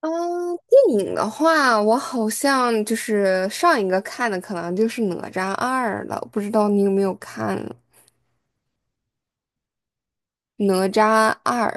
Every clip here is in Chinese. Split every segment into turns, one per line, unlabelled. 嗯，电影的话，我好像就是上一个看的可能就是《哪吒二》了，不知道你有没有看《哪吒二》，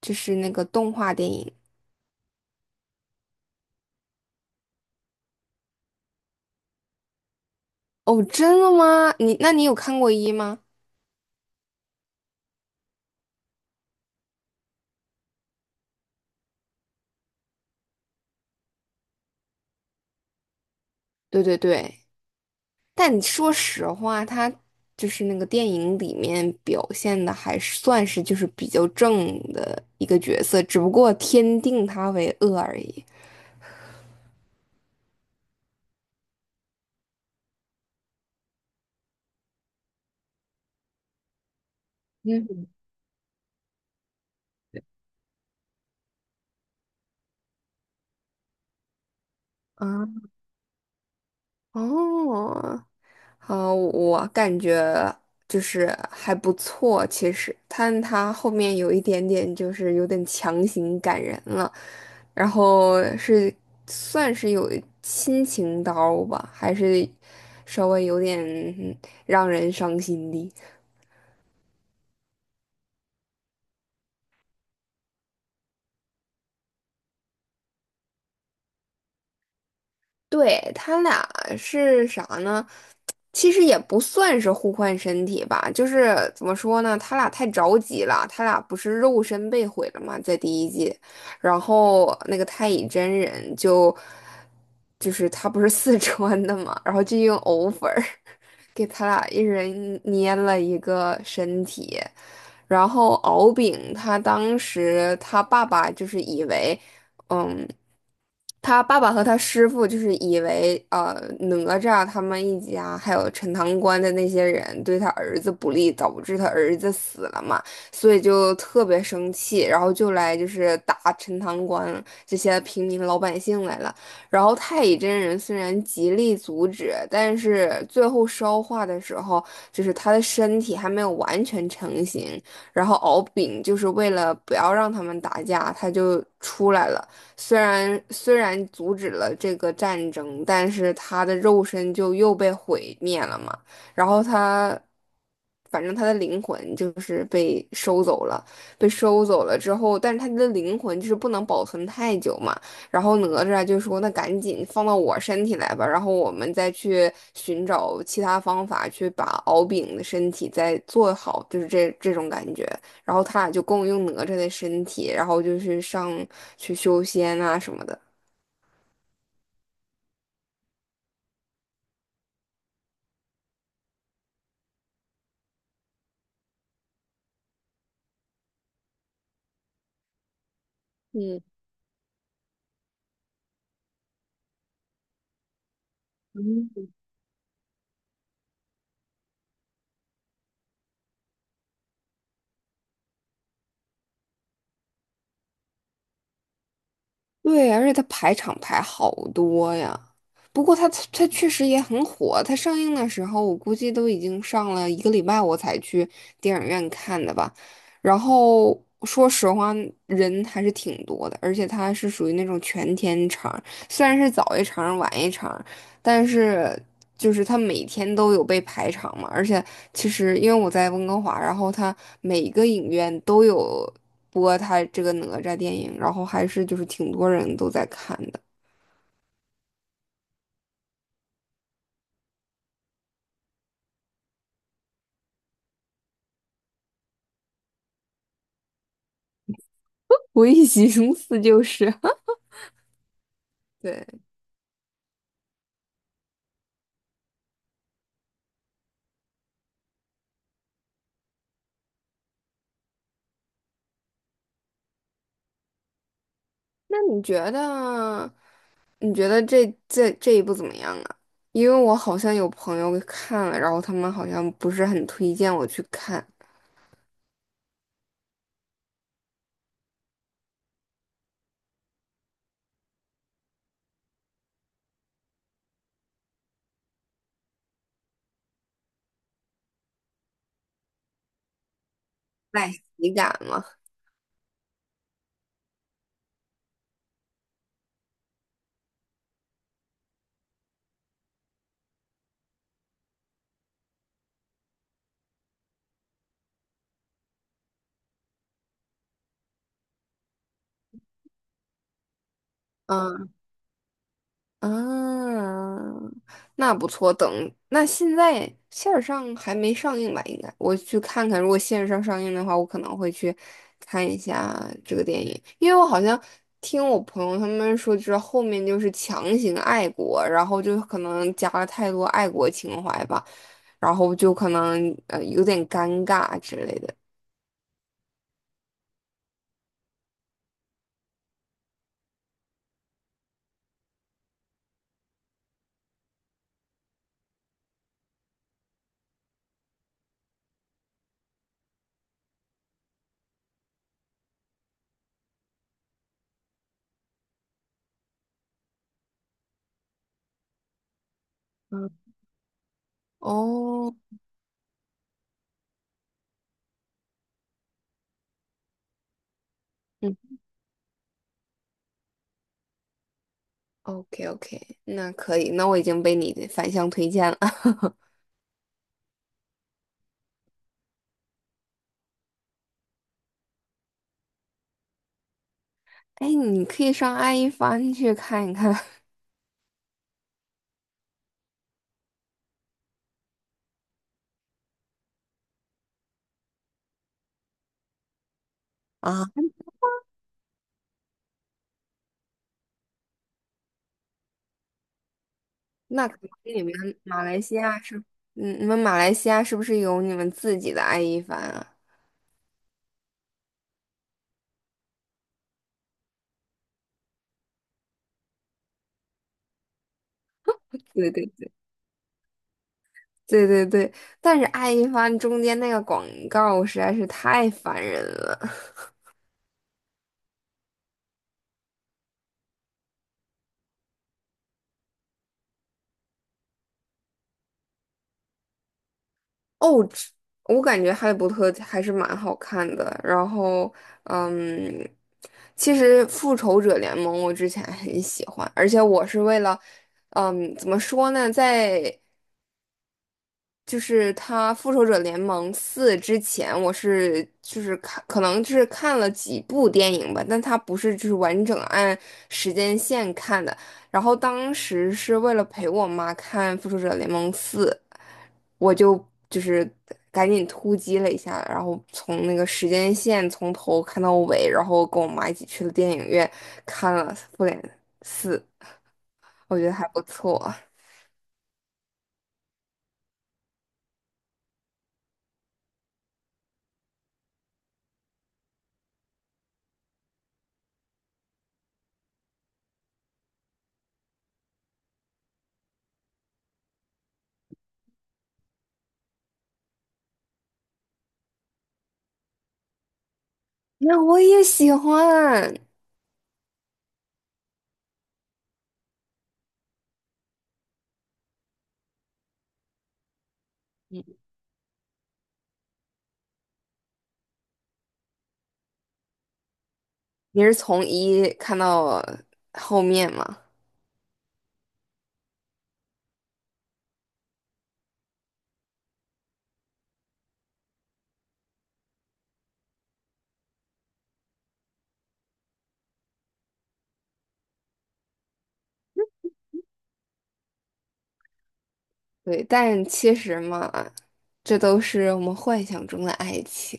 就是那个动画电影。哦，真的吗？你那你有看过一吗？对对对，但你说实话，它就是那个电影里面表现的还是算是就是比较正的一个角色，只不过天定他为恶而已。啊，哦。嗯，我感觉就是还不错，其实，但他后面有一点点就是有点强行感人了，然后是算是有亲情刀吧，还是稍微有点嗯让人伤心的。对，他俩是啥呢？其实也不算是互换身体吧，就是怎么说呢？他俩太着急了，他俩不是肉身被毁了嘛，在第一季，然后那个太乙真人就是他不是四川的嘛，然后就用藕粉儿给他俩一人捏了一个身体，然后敖丙他当时他爸爸就是以为。嗯。他爸爸和他师傅就是以为哪吒他们一家还有陈塘关的那些人对他儿子不利，导致他儿子死了嘛，所以就特别生气，然后就来就是打陈塘关这些平民老百姓来了。然后太乙真人虽然极力阻止，但是最后烧化的时候，就是他的身体还没有完全成型，然后敖丙就是为了不要让他们打架，他就出来了。虽然阻止了这个战争，但是他的肉身就又被毁灭了嘛。然后他，反正他的灵魂就是被收走了，被收走了之后，但是他的灵魂就是不能保存太久嘛。然后哪吒就说：“那赶紧放到我身体来吧，然后我们再去寻找其他方法去把敖丙的身体再做好，就是这种感觉。”然后他俩就共用哪吒的身体，然后就是上去修仙啊什么的。对，而且他排场排好多呀。不过他确实也很火，他上映的时候我估计都已经上了一个礼拜，我才去电影院看的吧。然后说实话，人还是挺多的，而且它是属于那种全天场，虽然是早一场晚一场，但是就是他每天都有被排场嘛，而且其实因为我在温哥华，然后他每个影院都有播他这个哪吒电影，然后还是就是挺多人都在看的。我一寻思就是 对，那你觉得你觉得这一部怎么样啊？因为我好像有朋友看了，然后他们好像不是很推荐我去看，赖喜感嘛。嗯啊，那不错。等那现在线上还没上映吧？应该我去看看。如果线上上映的话，我可能会去看一下这个电影，因为我好像听我朋友他们说，就是后面就是强行爱国，然后就可能加了太多爱国情怀吧，然后就可能有点尴尬之类的。嗯，哦，嗯，OK OK，那可以，那我已经被你的反向推荐了。哎，你可以上爱一帆去看一看。 啊。那可能你们马来西亚是，嗯，你们马来西亚是不是有你们自己的爱一帆啊？对对对对对对，但是爱一帆中间那个广告实在是太烦人了。哦，这我感觉《哈利波特》还是蛮好看的。然后，嗯，其实《复仇者联盟》我之前很喜欢，而且我是为了，嗯，怎么说呢，在就是他《复仇者联盟四》之前，我是就是看，可能就是看了几部电影吧，但它不是就是完整按时间线看的。然后当时是为了陪我妈看《复仇者联盟四》，我就是赶紧突击了一下，然后从那个时间线从头看到尾，然后跟我妈一起去了电影院看了《复联四》，我觉得还不错。那我也喜欢。你是从一看到后面嘛？对，但其实嘛，这都是我们幻想中的爱情。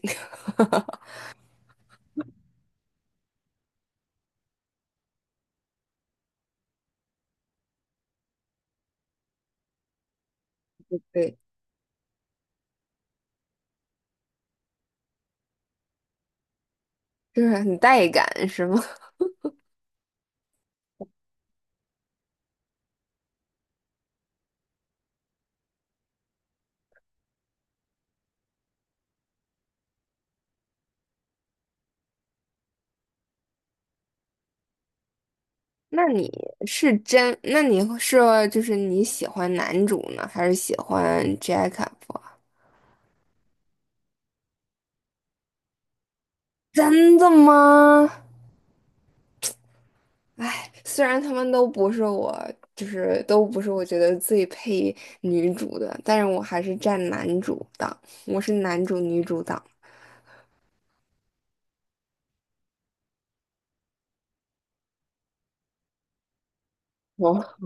对，就是很带感，是吗？那你是真？那你是就是你喜欢男主呢，还是喜欢 Jacob？啊真的吗？哎，虽然他们都不是我，就是都不是我觉得最配女主的，但是我还是站男主党，我是男主女主党。哦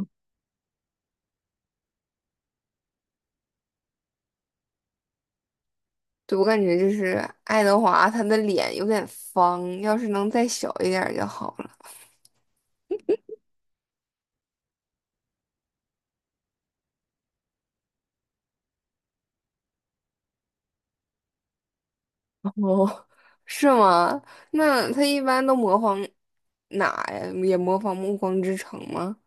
对，我感觉就是爱德华，他的脸有点方，要是能再小一点儿就好了。哦，是吗？那他一般都模仿哪呀？也模仿《暮光之城》吗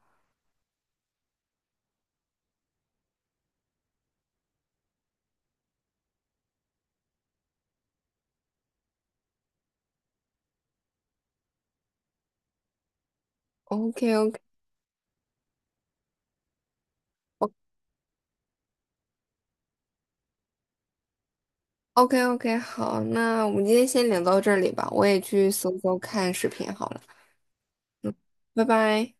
？OK OK OK OK，好，那我们今天先聊到这里吧，我也去搜搜看视频好了，拜拜。